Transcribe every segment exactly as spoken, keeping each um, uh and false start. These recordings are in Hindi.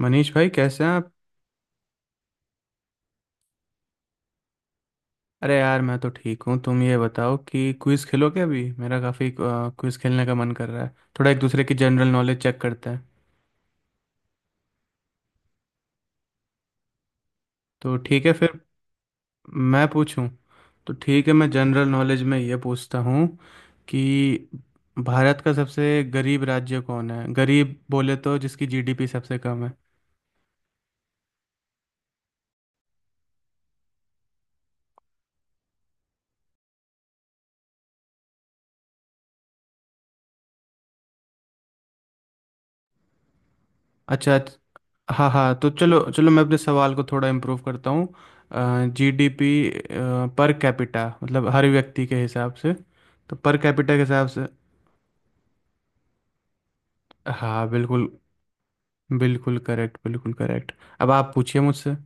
मनीष भाई कैसे हैं आप। अरे यार मैं तो ठीक हूँ, तुम ये बताओ कि क्विज खेलोगे। अभी मेरा काफ़ी क्विज खेलने का मन कर रहा है, थोड़ा एक दूसरे की जनरल नॉलेज चेक करते हैं। तो ठीक है फिर। मैं पूछूं? तो ठीक है, मैं जनरल नॉलेज में ये पूछता हूँ कि भारत का सबसे गरीब राज्य कौन है। गरीब बोले तो जिसकी जीडीपी सबसे कम है। अच्छा अच्छा। हाँ हाँ, तो चलो चलो मैं अपने सवाल को थोड़ा इम्प्रूव करता हूँ। जीडीपी पर कैपिटा मतलब हर व्यक्ति के हिसाब से। तो पर कैपिटा के हिसाब से। हाँ बिल्कुल। बिल्कुल करेक्ट, बिल्कुल करेक्ट। अब आप पूछिए मुझसे।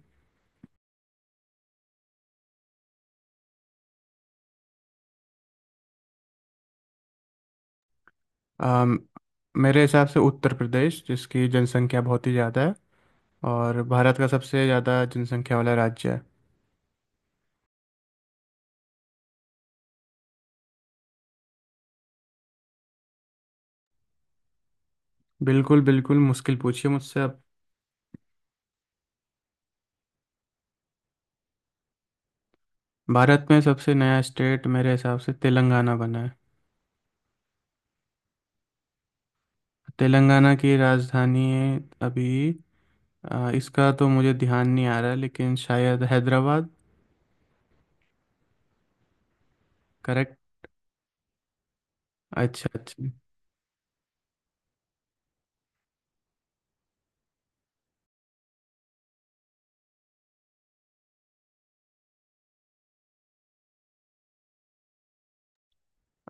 अम, मेरे हिसाब से उत्तर प्रदेश, जिसकी जनसंख्या बहुत ही ज़्यादा है और भारत का सबसे ज़्यादा जनसंख्या वाला राज्य है। बिल्कुल बिल्कुल, मुश्किल पूछिए मुझसे अब। भारत में सबसे नया स्टेट मेरे हिसाब से तेलंगाना बना है। तेलंगाना की राजधानी है अभी, अ, इसका तो मुझे ध्यान नहीं आ रहा, लेकिन शायद हैदराबाद। करेक्ट। अच्छा अच्छा।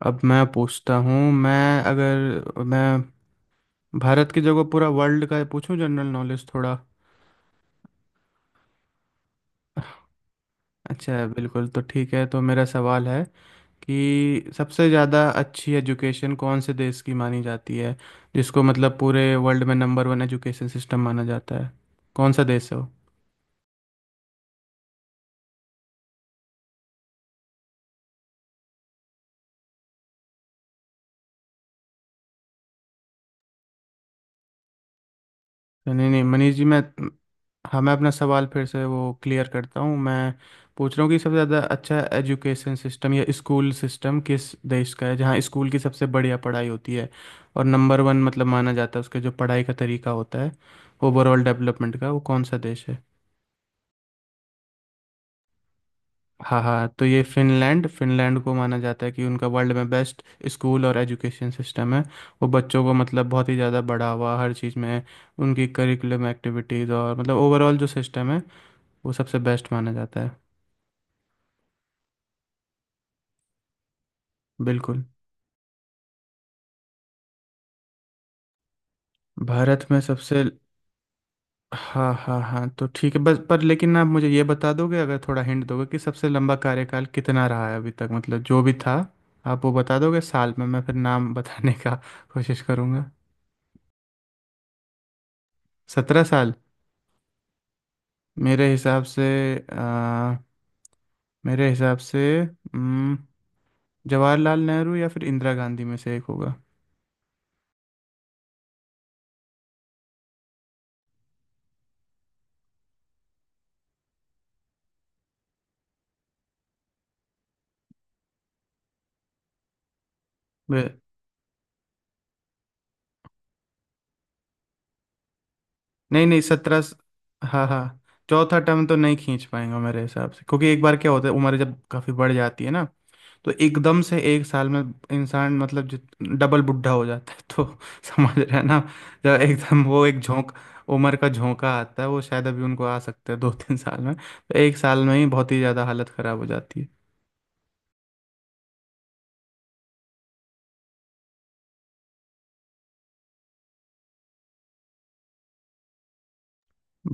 अब मैं पूछता हूँ, मैं अगर मैं भारत की जगह पूरा वर्ल्ड का पूछूं जनरल नॉलेज थोड़ा। अच्छा बिल्कुल, तो ठीक है। तो मेरा सवाल है कि सबसे ज़्यादा अच्छी एजुकेशन कौन से देश की मानी जाती है, जिसको मतलब पूरे वर्ल्ड में नंबर वन एजुकेशन सिस्टम माना जाता है। कौन सा देश है वो। नहीं नहीं मनीष जी, मैं— हाँ, मैं अपना सवाल फिर से वो क्लियर करता हूँ। मैं पूछ रहा हूँ कि सबसे ज़्यादा अच्छा एजुकेशन सिस्टम या स्कूल सिस्टम किस देश का है, जहाँ स्कूल की सबसे बढ़िया पढ़ाई होती है और नंबर वन मतलब माना जाता है। उसके जो पढ़ाई का तरीका होता है, ओवरऑल डेवलपमेंट का, वो कौन सा देश है। हाँ हाँ, तो ये फिनलैंड, फिनलैंड को माना जाता है कि उनका वर्ल्ड में बेस्ट स्कूल और एजुकेशन सिस्टम है। वो बच्चों को मतलब बहुत ही ज़्यादा बढ़ावा हर चीज़ में, उनकी करिकुलम एक्टिविटीज़ और मतलब ओवरऑल जो सिस्टम है, वो सबसे बेस्ट माना जाता है। बिल्कुल। भारत में सबसे— हाँ हाँ हाँ, तो ठीक है बस, पर लेकिन आप मुझे ये बता दोगे अगर थोड़ा हिंट दोगे कि सबसे लंबा कार्यकाल कितना रहा है अभी तक, मतलब जो भी था। आप वो बता दोगे साल में, मैं फिर नाम बताने का कोशिश करूँगा। सत्रह साल? मेरे हिसाब से, आ, मेरे हिसाब से हम्म, जवाहरलाल नेहरू या फिर इंदिरा गांधी में से एक होगा। वे- नहीं नहीं, सत्रह। हाँ हाँ। चौथा टर्म तो नहीं खींच पाएंगा मेरे हिसाब से, क्योंकि एक बार क्या होता है उम्र जब काफ़ी बढ़ जाती है ना, तो एकदम से एक साल में इंसान मतलब जित डबल बुढ़ा हो जाता है, तो समझ रहे हैं ना। जब एकदम वो एक झोंक उम्र का झोंका आता है, वो शायद अभी उनको आ सकता है दो तीन साल में, तो एक साल में ही बहुत ही ज़्यादा हालत ख़राब हो जाती है।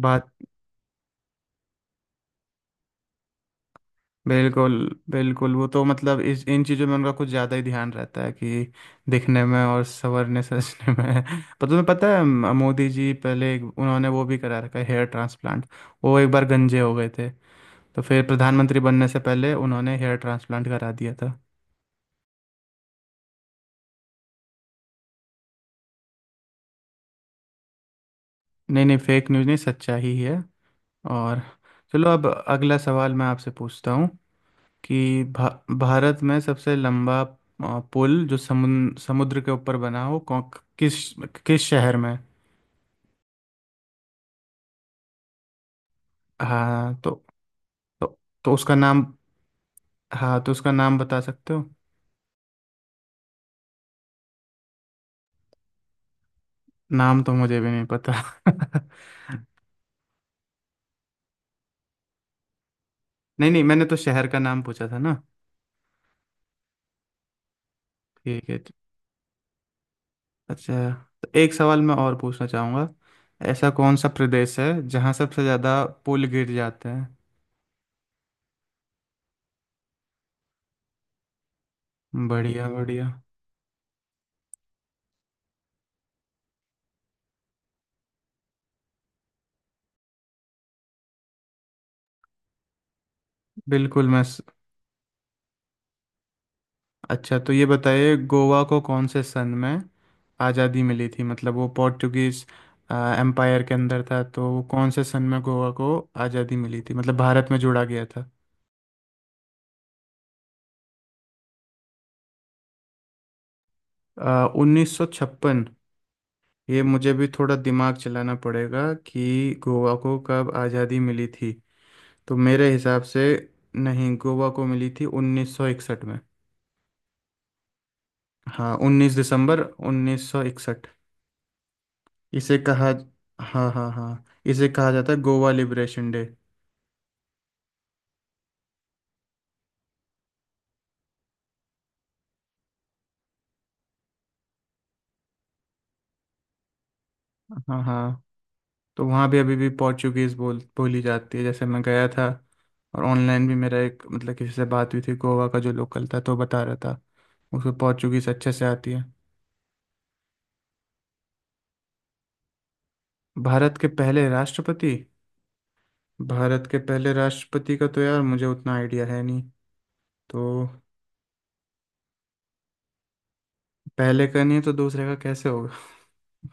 बात— बिल्कुल बिल्कुल, वो तो मतलब इस इन चीज़ों में उनका कुछ ज़्यादा ही ध्यान रहता है कि दिखने में और संवरने सजने में पर तुम्हें पता है म- मोदी जी पहले एक- उन्होंने वो भी करा रखा है हेयर ट्रांसप्लांट। वो एक बार गंजे हो गए थे, तो फिर प्रधानमंत्री बनने से पहले उन्होंने हेयर ट्रांसप्लांट करा दिया था। नहीं नहीं, फेक न्यूज़ नहीं, सच्चा ही है। और चलो अब अगला सवाल मैं आपसे पूछता हूँ कि भा, भारत में सबसे लंबा अ, पुल जो समुद्र समुद्र के ऊपर बना हो कौन, किस किस शहर में। हाँ तो तो, तो उसका नाम— हाँ तो उसका नाम बता सकते हो? नाम तो मुझे भी नहीं पता नहीं नहीं, मैंने तो शहर का नाम पूछा था ना। ठीक है। अच्छा, तो एक सवाल मैं और पूछना चाहूँगा। ऐसा कौन सा प्रदेश है जहाँ सबसे ज़्यादा पुल गिर जाते हैं। बढ़िया बढ़िया। बिल्कुल मैं स... अच्छा, तो ये बताइए गोवा को कौन से सन में आज़ादी मिली थी, मतलब वो पोर्टुगीज एम्पायर के अंदर था, तो वो कौन से सन में गोवा को आज़ादी मिली थी, मतलब भारत में जोड़ा गया था। उन्नीस सौ छप्पन? ये मुझे भी थोड़ा दिमाग चलाना पड़ेगा कि गोवा को कब आज़ादी मिली थी। तो मेरे हिसाब से नहीं, गोवा को मिली थी उन्नीस सौ इकसठ में। हाँ, उन्नीस दिसंबर उन्नीस सौ इकसठ। इसे कहा— हाँ हाँ हाँ, इसे कहा जाता है गोवा लिबरेशन डे। हाँ हाँ, तो वहाँ भी अभी भी पोर्चुगीज़ बोल बोली जाती है। जैसे मैं गया था और ऑनलाइन भी मेरा एक मतलब किसी से बात हुई थी, गोवा का जो लोकल था तो बता रहा था, उसको पोर्चुगीज़ अच्छे से आती है। भारत के पहले राष्ट्रपति— भारत के पहले राष्ट्रपति का तो यार मुझे उतना आइडिया है नहीं, तो पहले का नहीं है तो दूसरे का कैसे होगा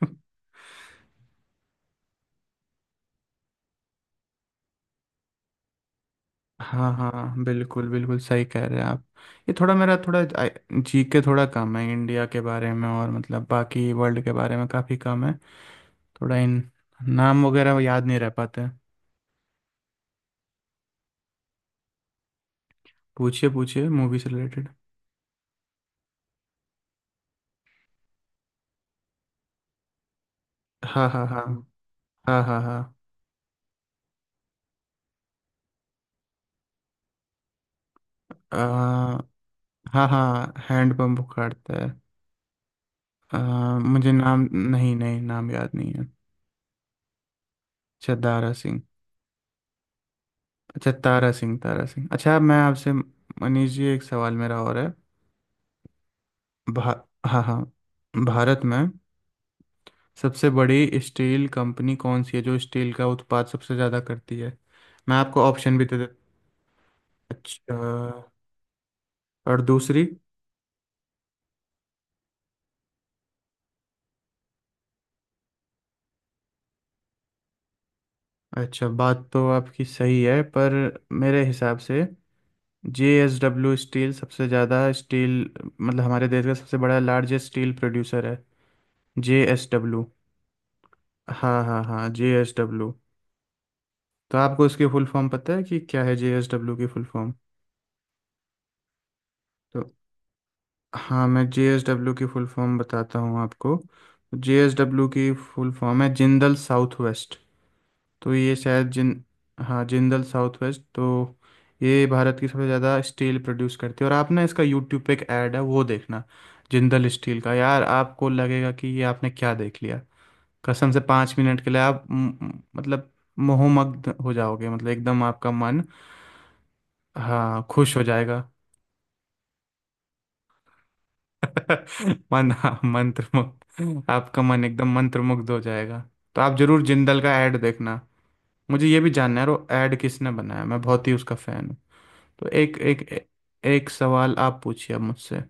हाँ हाँ, बिल्कुल बिल्कुल सही कह रहे हैं आप। ये थोड़ा मेरा थोड़ा जी के थोड़ा कम है इंडिया के बारे में, और मतलब बाकी वर्ल्ड के बारे में काफ़ी कम है, थोड़ा इन नाम वगैरह याद नहीं रह पाते। पूछिए पूछिए मूवी से रिलेटेड। हाँ हाँ हाँ। हाँ हाँ हाँ। अ, हाँ हाँ, हैंडपम्प उखाड़ता है। अ, मुझे नाम नहीं, नहीं नाम याद नहीं है। अच्छा दारा सिंह। अच्छा तारा सिंह, तारा सिंह। अच्छा मैं आपसे मनीष जी एक सवाल मेरा और है। भा— हाँ हाँ। भारत में सबसे बड़ी स्टील कंपनी कौन सी है जो स्टील का उत्पाद सबसे ज़्यादा करती है? मैं आपको ऑप्शन भी दे दे? अच्छा। और दूसरी? अच्छा बात तो आपकी सही है, पर मेरे हिसाब से जे एस डब्ल्यू स्टील सबसे ज़्यादा स्टील, मतलब हमारे देश का सबसे बड़ा लार्जेस्ट स्टील प्रोड्यूसर है, जे एस डब्ल्यू। हाँ हाँ हाँ, जे एस डब्ल्यू। तो आपको इसकी फुल फॉर्म पता है कि क्या है, जे एस डब्ल्यू की फुल फॉर्म? तो हाँ, मैं जेएसडब्ल्यू की फुल फॉर्म बताता हूँ आपको। जेएसडब्ल्यू की फुल फॉर्म है जिंदल साउथ वेस्ट। तो ये शायद जिन— हाँ जिंदल साउथ वेस्ट। तो ये भारत की सबसे ज़्यादा स्टील प्रोड्यूस करती है। और आप ना, इसका यूट्यूब पे एक ऐड है वो देखना, जिंदल स्टील का, यार आपको लगेगा कि ये आपने क्या देख लिया। कसम से पाँच मिनट के लिए आप म- म- मतलब मोहमग्न हो जाओगे, मतलब एकदम आपका मन— हाँ खुश हो जाएगा। मन, हाँ, मंत्रमुग्ध, आपका मन एकदम मंत्रमुग्ध हो जाएगा। तो आप जरूर जिंदल का ऐड देखना। मुझे ये भी जानना है वो ऐड किसने बनाया, मैं बहुत ही उसका फैन हूँ। तो एक एक एक सवाल आप पूछिए अब मुझसे।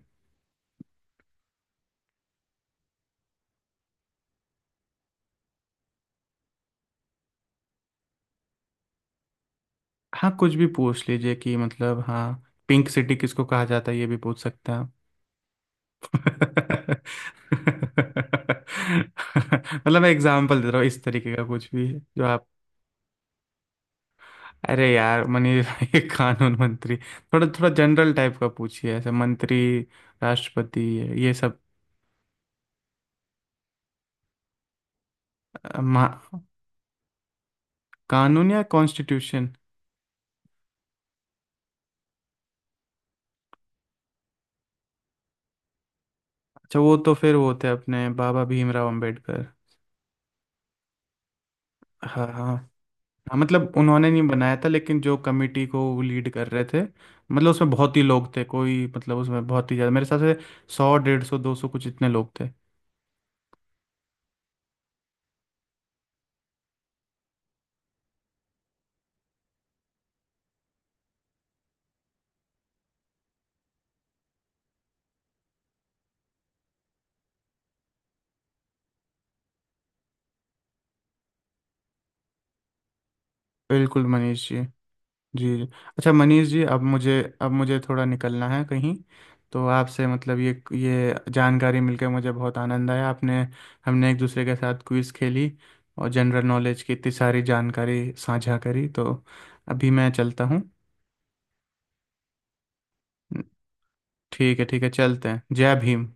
हाँ कुछ भी पूछ लीजिए कि मतलब हाँ, पिंक सिटी किसको कहा जाता है ये भी पूछ सकते हैं आप। मतलब मैं एग्जांपल दे रहा हूँ इस तरीके का कुछ भी। जो— अरे यार मनीष भाई कानून मंत्री? थोड़ा थोड़ा जनरल टाइप का पूछिए, ऐसे मंत्री, राष्ट्रपति, ये सब। अ, महा- कानून या कॉन्स्टिट्यूशन? अच्छा वो तो फिर वो होते हैं अपने बाबा भीमराव अंबेडकर। हाँ हाँ हाँ, मतलब उन्होंने नहीं बनाया था लेकिन जो कमेटी को वो लीड कर रहे थे। मतलब उसमें बहुत ही लोग थे, कोई मतलब उसमें बहुत ही ज़्यादा मेरे हिसाब से सौ डेढ़ सौ दो सौ कुछ इतने लोग थे। बिल्कुल मनीष जी। जी जी। अच्छा मनीष जी, अब मुझे अब मुझे थोड़ा निकलना है कहीं, तो आपसे मतलब ये ये जानकारी मिलकर मुझे बहुत आनंद आया। आपने हमने एक दूसरे के साथ क्विज खेली और जनरल नॉलेज की इतनी सारी जानकारी साझा करी, तो अभी मैं चलता हूँ। ठीक है ठीक है चलते हैं, जय भीम।